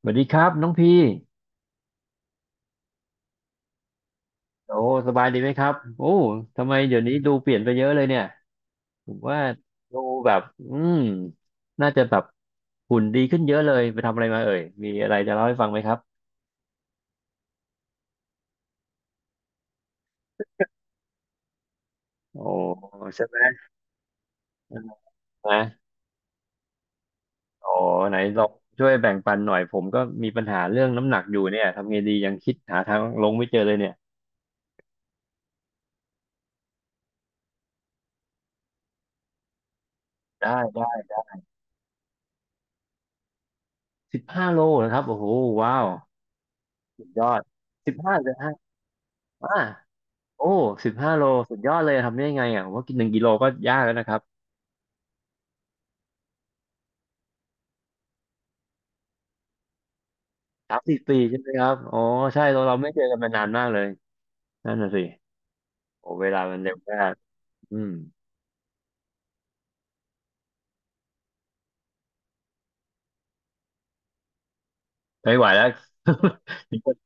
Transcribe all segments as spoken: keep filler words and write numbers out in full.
สวัสดีครับน้องพี่โอ้สบายดีไหมครับโอ้ทำไมเดี๋ยวนี้ดูเปลี่ยนไปเยอะเลยเนี่ยผมว่าดูแบบอืมน่าจะแบบหุ่นดีขึ้นเยอะเลยไปทำอะไรมาเอ่ยมีอะไรจะเล่าให้ฟังไหมครับโอ้ใช่ไหมนะโอ้ไหนลองช่วยแบ่งปันหน่อยผมก็มีปัญหาเรื่องน้ำหนักอยู่เนี่ยทำไงดียังคิดหาทางลงไม่เจอเลยเนี่ยได้ได้สิบห้าโลนะครับโอ้โหว้าวสุดยอดสิบห้าเลยฮะอ่า โอ้สิบห้าโล สุดยอดเลย ทำได้ยังไงอ่ะผมว่ากินหนึ่งกิโลก็ยากแล้วนะครับสามสี่ปีใช่ไหมครับอ๋อใช่เราเราไม่เจอกันมานานมากเลย นั่นน่ะสิ โอ้เวลามันเร็วมากอืมไม่ไหวแล้ว มีคน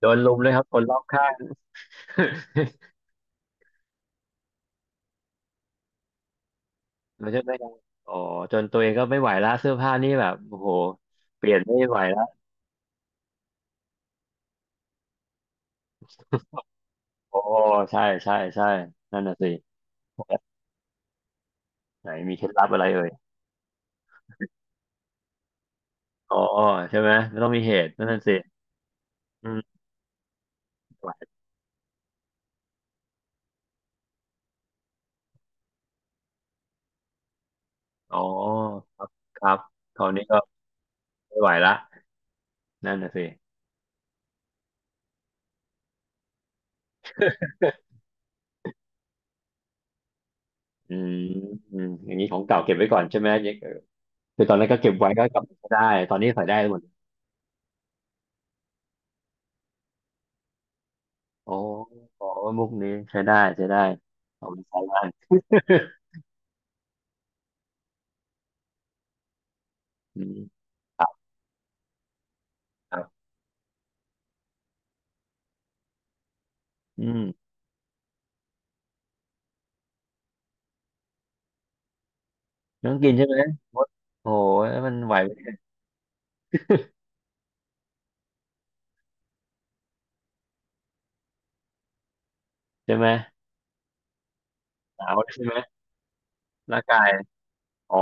โดนลุมเลยครับคนรอบข้าง ไม่ใช่ไหมครับอ๋อจนตัวเองก็ไม่ไหวแล้ว เสื้อผ้านี่แบบโอ้โหเปลี่ยนไม่ไหวแล้ว โอ้ ใช่ใช่ใช่นั่นน่ะสิไหนมีเคล็ดลับอะไรเอ่ยอ๋อใช่ไหมไม่ต้องมีเหตุนั่นน่ะสิอืม อ๋อครับครับคราวนี้ก็ไม่ไหวละนั่นน่ะสิอืมอืมอย่างนี้ของเก่าเก็บไว้ก่อนใช่ไหมยังเออคือตอนนั้นก็เก็บไว้ก็กลับมาใช้ได้ตอนนี้ใส่ได้หมดโอ้โอ้มุกนี้ใช้ได้ใช้ได้เอาไปใช้ได้ อืมครับครับอืมน้องกินใช่ไหมมดโอ้ยมันไหวใช่ไหมหนาวใช่ไหมร่างกายอ๋อ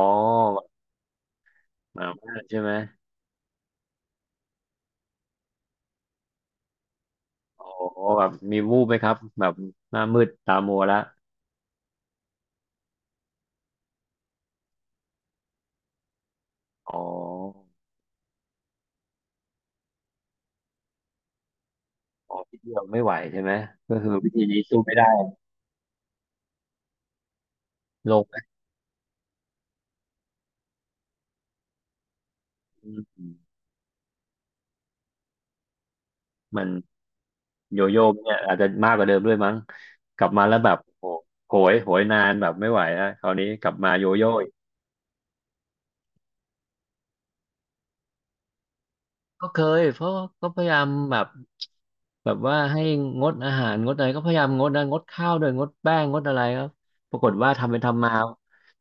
แบบหนาวมากใช่ไหมโอ้แบบมีวูบไหมครับแบบหน้ามืดตามัวละอ๋อ อ๋อพี่เดียวไม่ไหวใช่ไหมก็คือวิธีนี้สู้ไม่ได้โลกมันโยโย่เนี่ยอาจจะมากกว่าเดิมด้วยมั้งกลับมาแล้วแบบโอ้โหยโหยนานแบบไม่ไหวแล้วคราวนี้กลับมาโยโย่อีกก็เคยเพราะก็พยายามแบบแบบว่าให้งดอาหารงดอะไรก็พยายามงดนะงดข้าวด้วยงดแป้งงดอะไรครับปรากฏว่าทำไปทำมา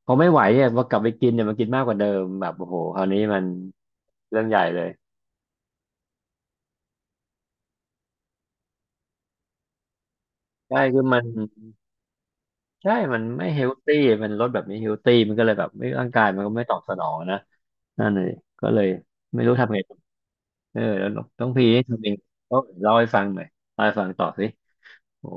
พอไม่ไหวเนี่ยพอกลับไปกินเนี่ยมันกินมากกว่าเดิมแบบโอ้โหคราวนี้มันเรื่องใหญ่เลยใช่คือมัน ใช่มันไม่เฮลตี้มันลดแบบไม่เฮลตี้มันก็เลยแบบไม่ร่างกายมันก็ไม่ตอบสนองนะ นั่นเลยก็เลยไม่รู้ทำไงต่อเออแล้วน้องพีนี่ทำเองก็เล่าให้ฟังหน่อยเล่าให้ฟังต่อสิโอ้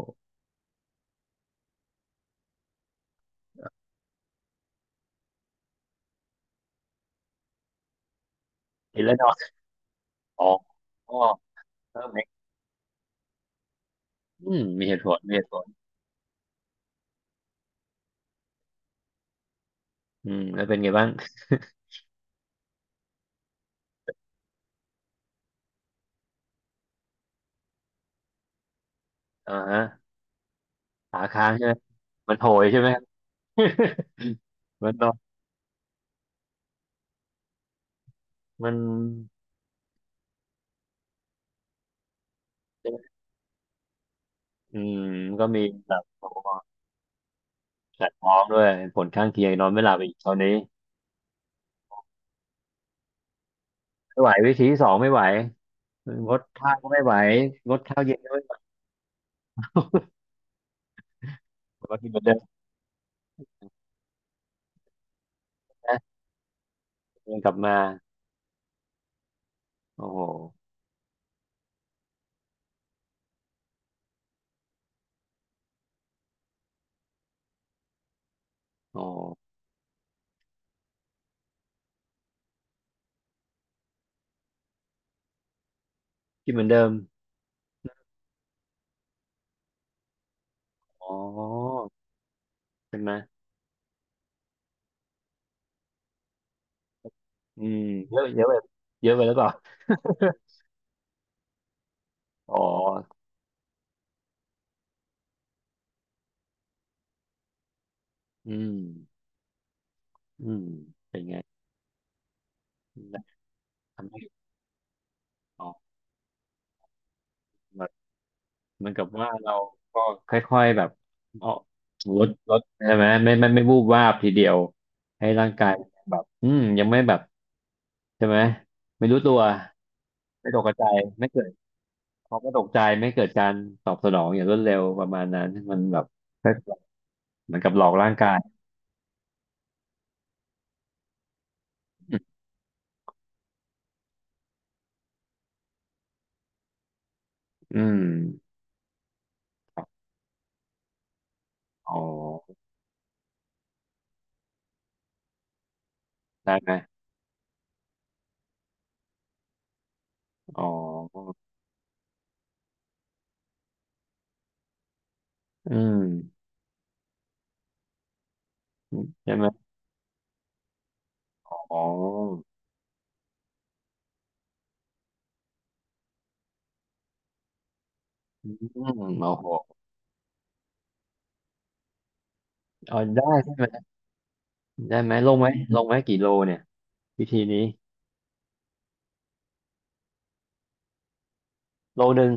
กินแล้วนอนอ๋ออ๋อเพิ่มไหมอืมมีเหตุผลมีเหตุผลอืมแล้วเป็นไงบ้างอ่าฮะขาค้างใช่ไหม มันโหยใช่ไหม มันนอนมันอืมก็มีแบบโอ้โหแสบท้องด้วย ผลข้างเคียงนอนไม่หลับอีกตอนนี้ไม่ไหววิธีที่สองไม่ไหว งดข้าวก็ไม่ไหวงดข้าวเย็นก็ไม่ไหว ก็กินเหมือนเดิมนะเดินกลับมาโอ้โหโอ้กินเหมือนเดิมอ๋อใช่ไหมอืมเยอะเยอะไปเยอะไปหรือเปล่าอ๋ออืมอืมเป็นไงทำให้อ๋อแบบเหมือนกับว่าเราก็ค่อยๆแบบอ๋อลดลดใช่ไหมไม่ไม่ไม่วูบวาบทีเดียวให้ร่างกายแบบอืมยังไม่แบบใช่ไหมไม่รู้ตัวไม่ตกใจไม่เกิด เขาก็ตกใจไม่เกิดการตอบสนองอย่างรวดเร็วประมาณนั้นมันแบบเหมือนกับหลอกร่างกายอืมครับอ๋อได้ไหมอ๋ออืมใช่ไหมอ๋ออืมโอ้โหอ๋อได้ใช่ไหมได้ไหมลงไหมลงไหมกี่โลเนี่ยวิธีนี้โลหนึ่ง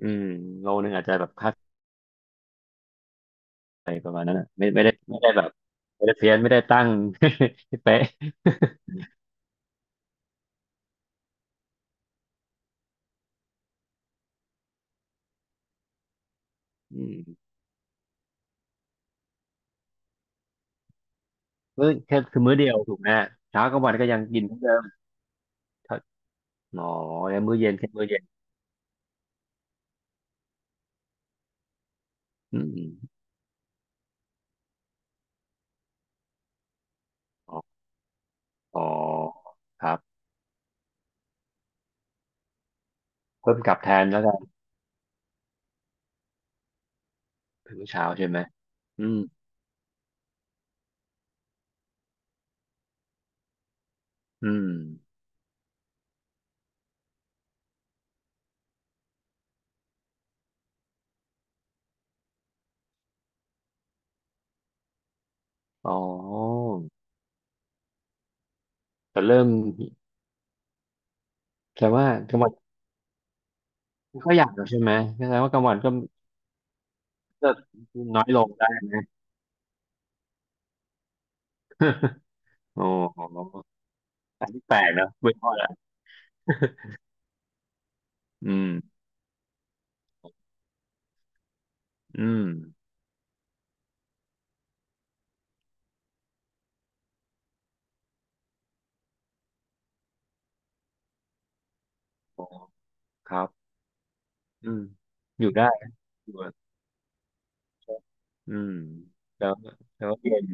อืมโลหนึ่งอาจจะแบบคาดไปประมาณนั้นอ่ะไม่ไม่ได้ไม่ได้แบบไม่ได้เพี้ยนไม่ได้ตั้ง ให้เป๊ะอืมมื้อแค่คือมื้อเดียวถูกไหมเช้ากลางวันก็ยังกินเหมือนเดิม อ๋อแล้วมื้อเย็นแค่มื้อเย็นอืมอ๋ออ๋อครับเพิ่มกลับแทนแล้วกันเป็นมื้อเช้าใช่ไหมอืมอืมอ๋อแต่เริ่มแต่ว่ากลางวันก็อยากแล้วใช่ไหมแสดงว่ากลางวันก็เลิกน้อยลงได้ไหม โอ้ โหอันนี้แปลกนะไม่พอละ อืมอืมอ๋อครับอืมอยู่ได้อยู่อะอืมแล้วแล้วเย็น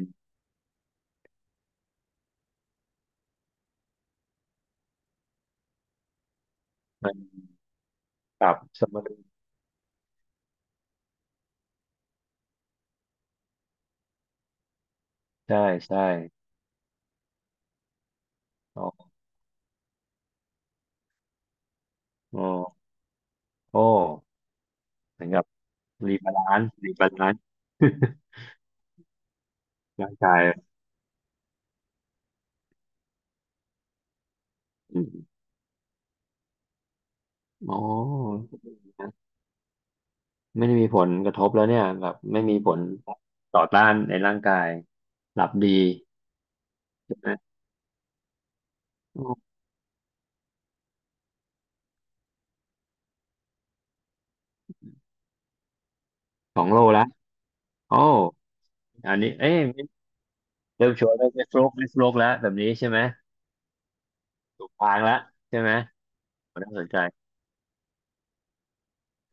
มันปรับสมดุลใช่ใช่อ๋อ อ๋อโอ้เหมือนกับรีบาลานซ์รีบาลานซ์ ร่างกายอืมอ๋อไม่ได้มีผลกระทบแล้วเนี่ยแบบไม่มีผลต่อต้านในร่างกายหลับดีใช่ไหมโอ้สองโลแล้วโอ้อันนี้เอ้ยเริ่มชัวร์ได้ไม่ฟลกได้โฟลกแล้วแบบนี้ใช่ไหมถูกทางแล้วใช่ไหมน่าสนใจ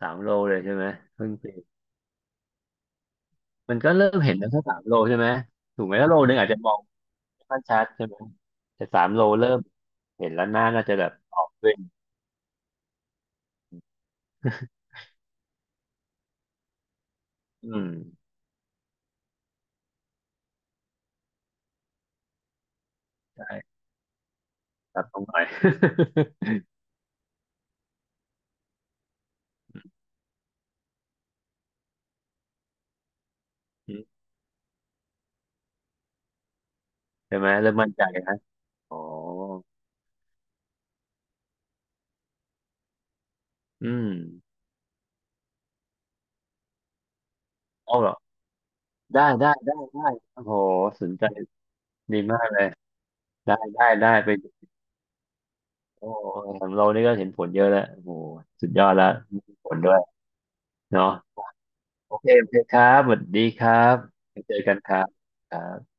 สามโลเลยใช่ไหมเพิ่งเปลี่ยนมันก็เริ่มเห็นแล้วแค่สามโลใช่ไหมถูกไหมถ้าโลนึงอาจจะมองไม่ค่อยชัดใช่ไหมแต่สามโลเริ่ม เห็นแล้วหน้าน่าจะแบบออกด้วยอืมใช่ปรับตรงหน่อย ใช่ไหมเริ่มมั่นใจนะอ๋ออืมเอาเหรอ ได้ ได้ ได้ ได้ โอ้โหสนใจดีมากเลย ได้ ได้ได้ไปโอ้ของเรานี่ก็เห็นผลเยอะแล้วโอ้โหสุดยอดแล้วมีผลด้วยเนาะโอเคโอเคครับสวัสดีครับไปเจอกันครับครับ